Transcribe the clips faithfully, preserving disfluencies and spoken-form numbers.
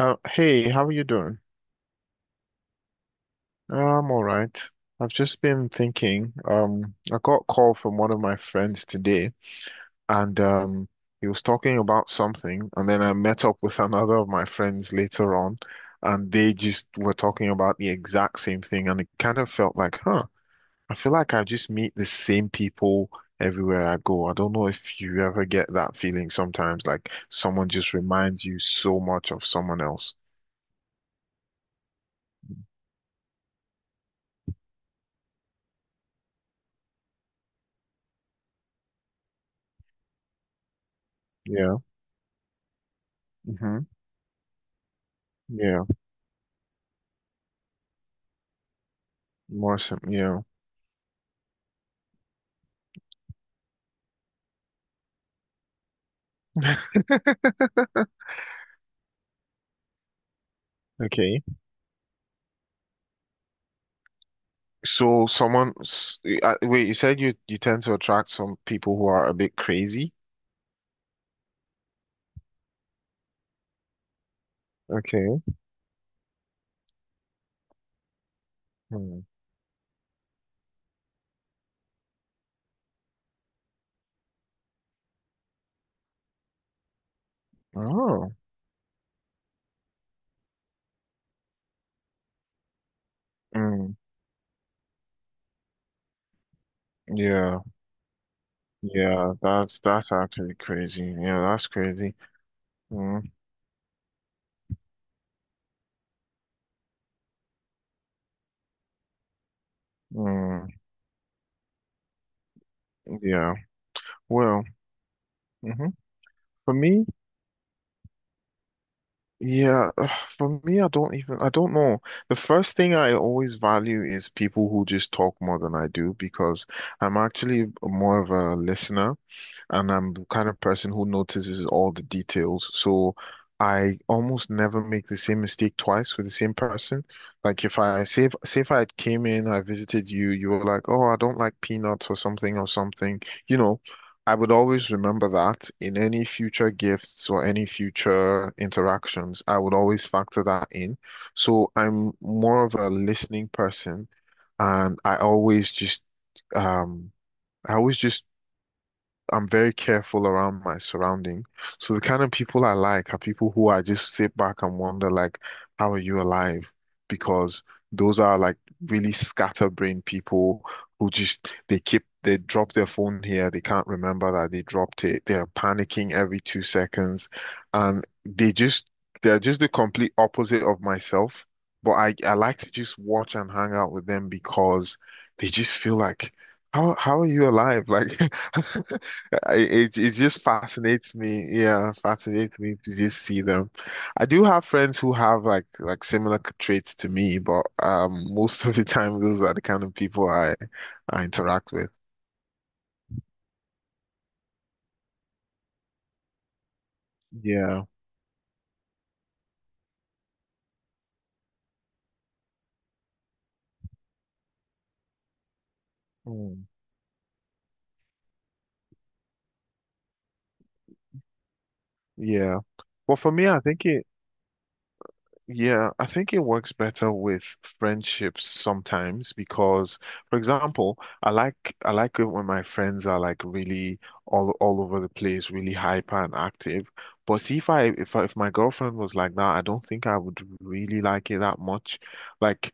Uh, hey, how are you doing? Uh, I'm all right. I've just been thinking. Um, I got a call from one of my friends today, and um, he was talking about something, and then I met up with another of my friends later on, and they just were talking about the exact same thing, and it kind of felt like, huh, I feel like I just meet the same people everywhere I go. I don't know if you ever get that feeling sometimes, like someone just reminds you so much of someone else. Yeah. Mm-hmm. Awesome, yeah. Okay. So someone, s- uh, wait, you said you you tend to attract some people who are a bit crazy. Okay. Hmm. Oh. Mm. Yeah. Yeah. That's that's actually crazy. Yeah, that's crazy. Mm. Mm. Yeah. Well. Hmm. For me, yeah. ugh, For me, I don't even. I don't know. The first thing I always value is people who just talk more than I do because I'm actually more of a listener, and I'm the kind of person who notices all the details. So I almost never make the same mistake twice with the same person. Like if I say if, say if I came in, I visited you, you were like, "Oh, I don't like peanuts or something or something," you know. I would always remember that in any future gifts or any future interactions, I would always factor that in. So I'm more of a listening person, and I always just um I always just I'm very careful around my surrounding. So the kind of people I like are people who I just sit back and wonder, like, how are you alive? Because those are like really scatterbrained people who just they keep they drop their phone here, they can't remember that they dropped it. They are panicking every two seconds, and they just they're just the complete opposite of myself. But I I like to just watch and hang out with them because they just feel like, how how are you alive? Like. I- It it just fascinates me. Yeah, fascinates me to just see them. I do have friends who have like like similar traits to me, but um, most of the time those are the kind of people I I interact with. Yeah. Mm. Yeah. But for me, I think it. Yeah, I think it works better with friendships sometimes because, for example, I like I like it when my friends are like really all all over the place, really hyper and active. But see, if I if I, if my girlfriend was like that, I don't think I would really like it that much. Like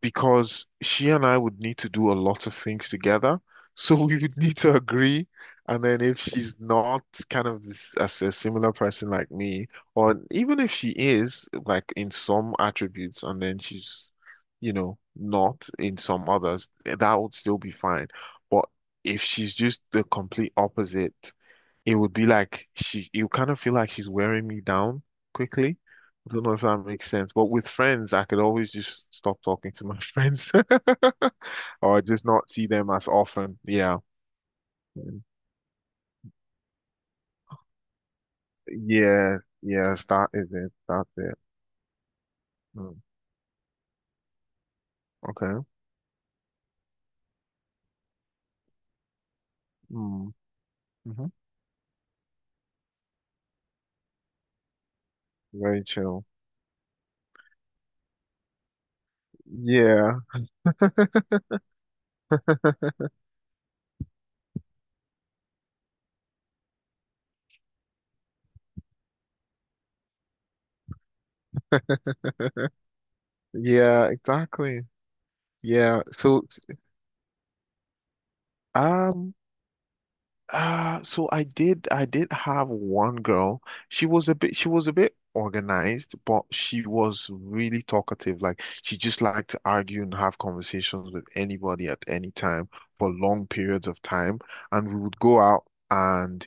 because she and I would need to do a lot of things together. So we would need to agree. And then if she's not kind of this, as a similar person like me, or even if she is like in some attributes and then she's, you know, not in some others, that would still be fine. But if she's just the complete opposite, it would be like she, you kind of feel like she's wearing me down quickly. I don't know if that makes sense, but with friends, I could always just stop talking to my friends or just not see them as often. Yeah. Mm. Yeah. Yes, that is it. That's it. Mm. Okay. Mm. Hmm. Very chill. Yeah. Yeah, exactly. Yeah. So, t- um, Uh, so I did I did have one girl. She was a bit she was a bit organized, but she was really talkative. Like she just liked to argue and have conversations with anybody at any time for long periods of time. And we would go out and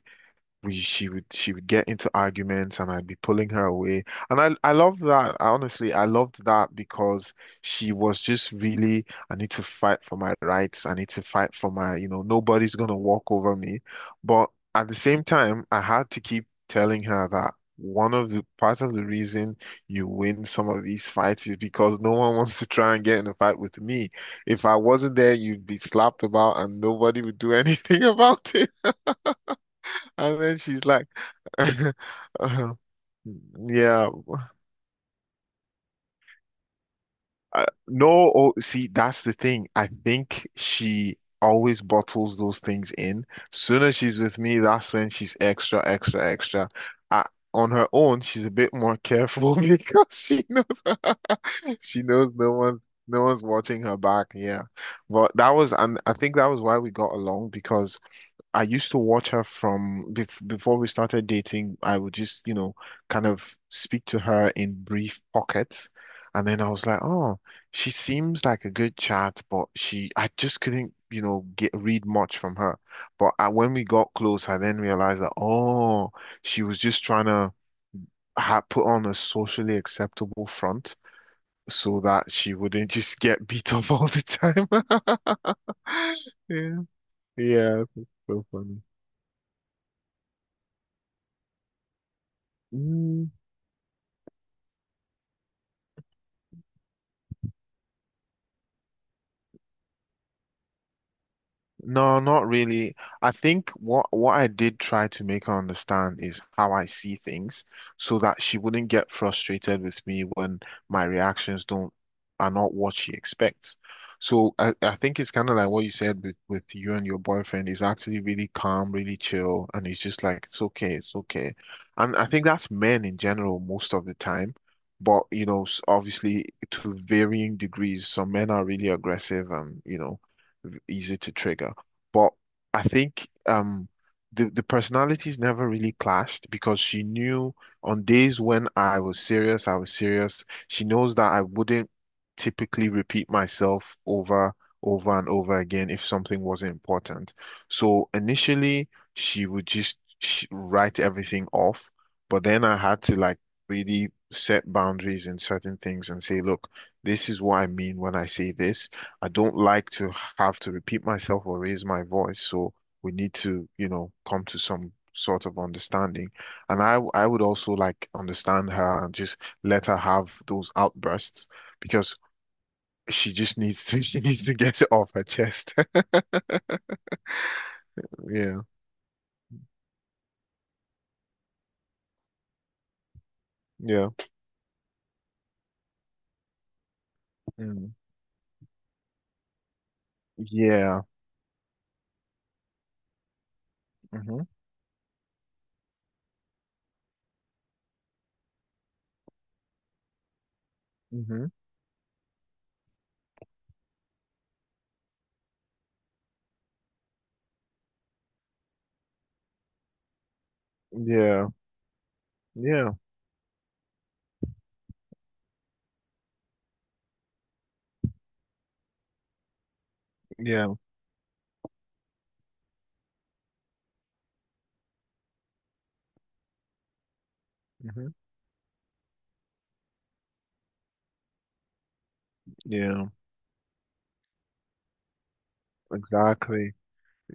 we she would she would get into arguments and I'd be pulling her away. And I I loved that. I honestly I loved that because she was just really I need to fight for my rights. I need to fight for my, you know, nobody's gonna walk over me. But at the same time, I had to keep telling her that one of the part of the reason you win some of these fights is because no one wants to try and get in a fight with me. If I wasn't there, you'd be slapped about and nobody would do anything about and then she's like, uh, yeah, uh, no. Oh, see, that's the thing. I think she always bottles those things in. Soon as she's with me, that's when she's extra, extra, extra. Uh, on her own, she's a bit more careful because she knows she knows no one, no one's watching her back. Yeah, but that was, and I think that was why we got along because I used to watch her from bef before we started dating. I would just, you know, kind of speak to her in brief pockets. And then I was like, oh, she seems like a good chat, but she, I just couldn't, you know, get read much from her. But I, when we got close, I then realized that, oh, she was just trying to ha put on a socially acceptable front so that she wouldn't just get beat up all the time. Yeah. Yeah. So funny. Mm. No, not really. I think what what I did try to make her understand is how I see things so that she wouldn't get frustrated with me when my reactions don't are not what she expects. So I, I think it's kind of like what you said with, with you and your boyfriend. He's actually really calm, really chill, and he's just like, it's okay, it's okay. And I think that's men in general most of the time. But, you know, s- obviously to varying degrees, some men are really aggressive and, you know, easy to trigger. But I think um, the the personalities never really clashed because she knew on days when I was serious, I was serious. She knows that I wouldn't typically repeat myself over, over and over again if something wasn't important. So initially, she would just sh write everything off, but then I had to like really set boundaries in certain things and say, look, this is what I mean when I say this. I don't like to have to repeat myself or raise my voice, so we need to, you know, come to some sort of understanding. And I I would also like understand her and just let her have those outbursts because she just needs to she needs to get it off her chest. Yeah. Yeah. Mm. Yeah. Hmm. Hmm. Yeah. Yeah. Yeah. Hmm. Yeah. Exactly.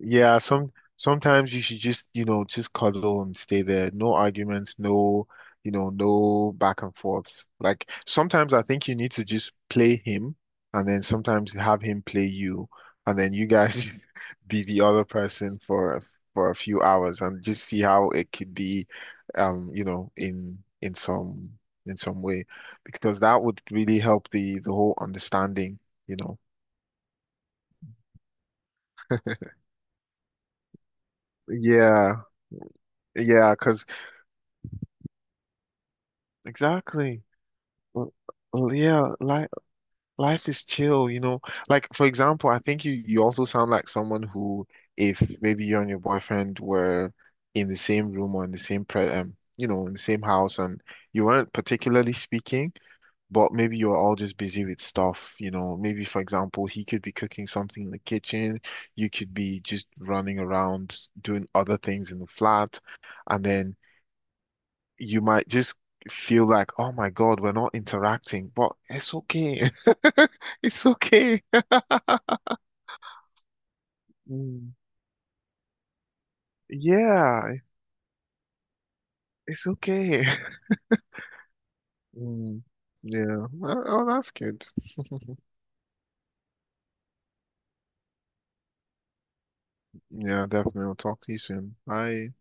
Yeah, some sometimes you should just, you know, just cuddle and stay there. No arguments, no, you know, no back and forths. Like sometimes I think you need to just play him and then sometimes have him play you and then you guys just be the other person for a- for a few hours and just see how it could be um, you know, in in some in some way because that would really help the the whole understanding, you know. Yeah. Yeah, 'cause exactly. Well, well, yeah, life life is chill, you know. Like for example, I think you you also sound like someone who, if maybe you and your boyfriend were in the same room or in the same pre um, you know, in the same house, and you weren't particularly speaking, but maybe you were all just busy with stuff, you know. Maybe for example, he could be cooking something in the kitchen, you could be just running around doing other things in the flat, and then you might just feel like, oh my God, we're not interacting, but it's okay. It's okay. Mm. Yeah, it's okay. Mm. Yeah. Well. Oh, that's good. Yeah, definitely. I'll talk to you soon. Bye.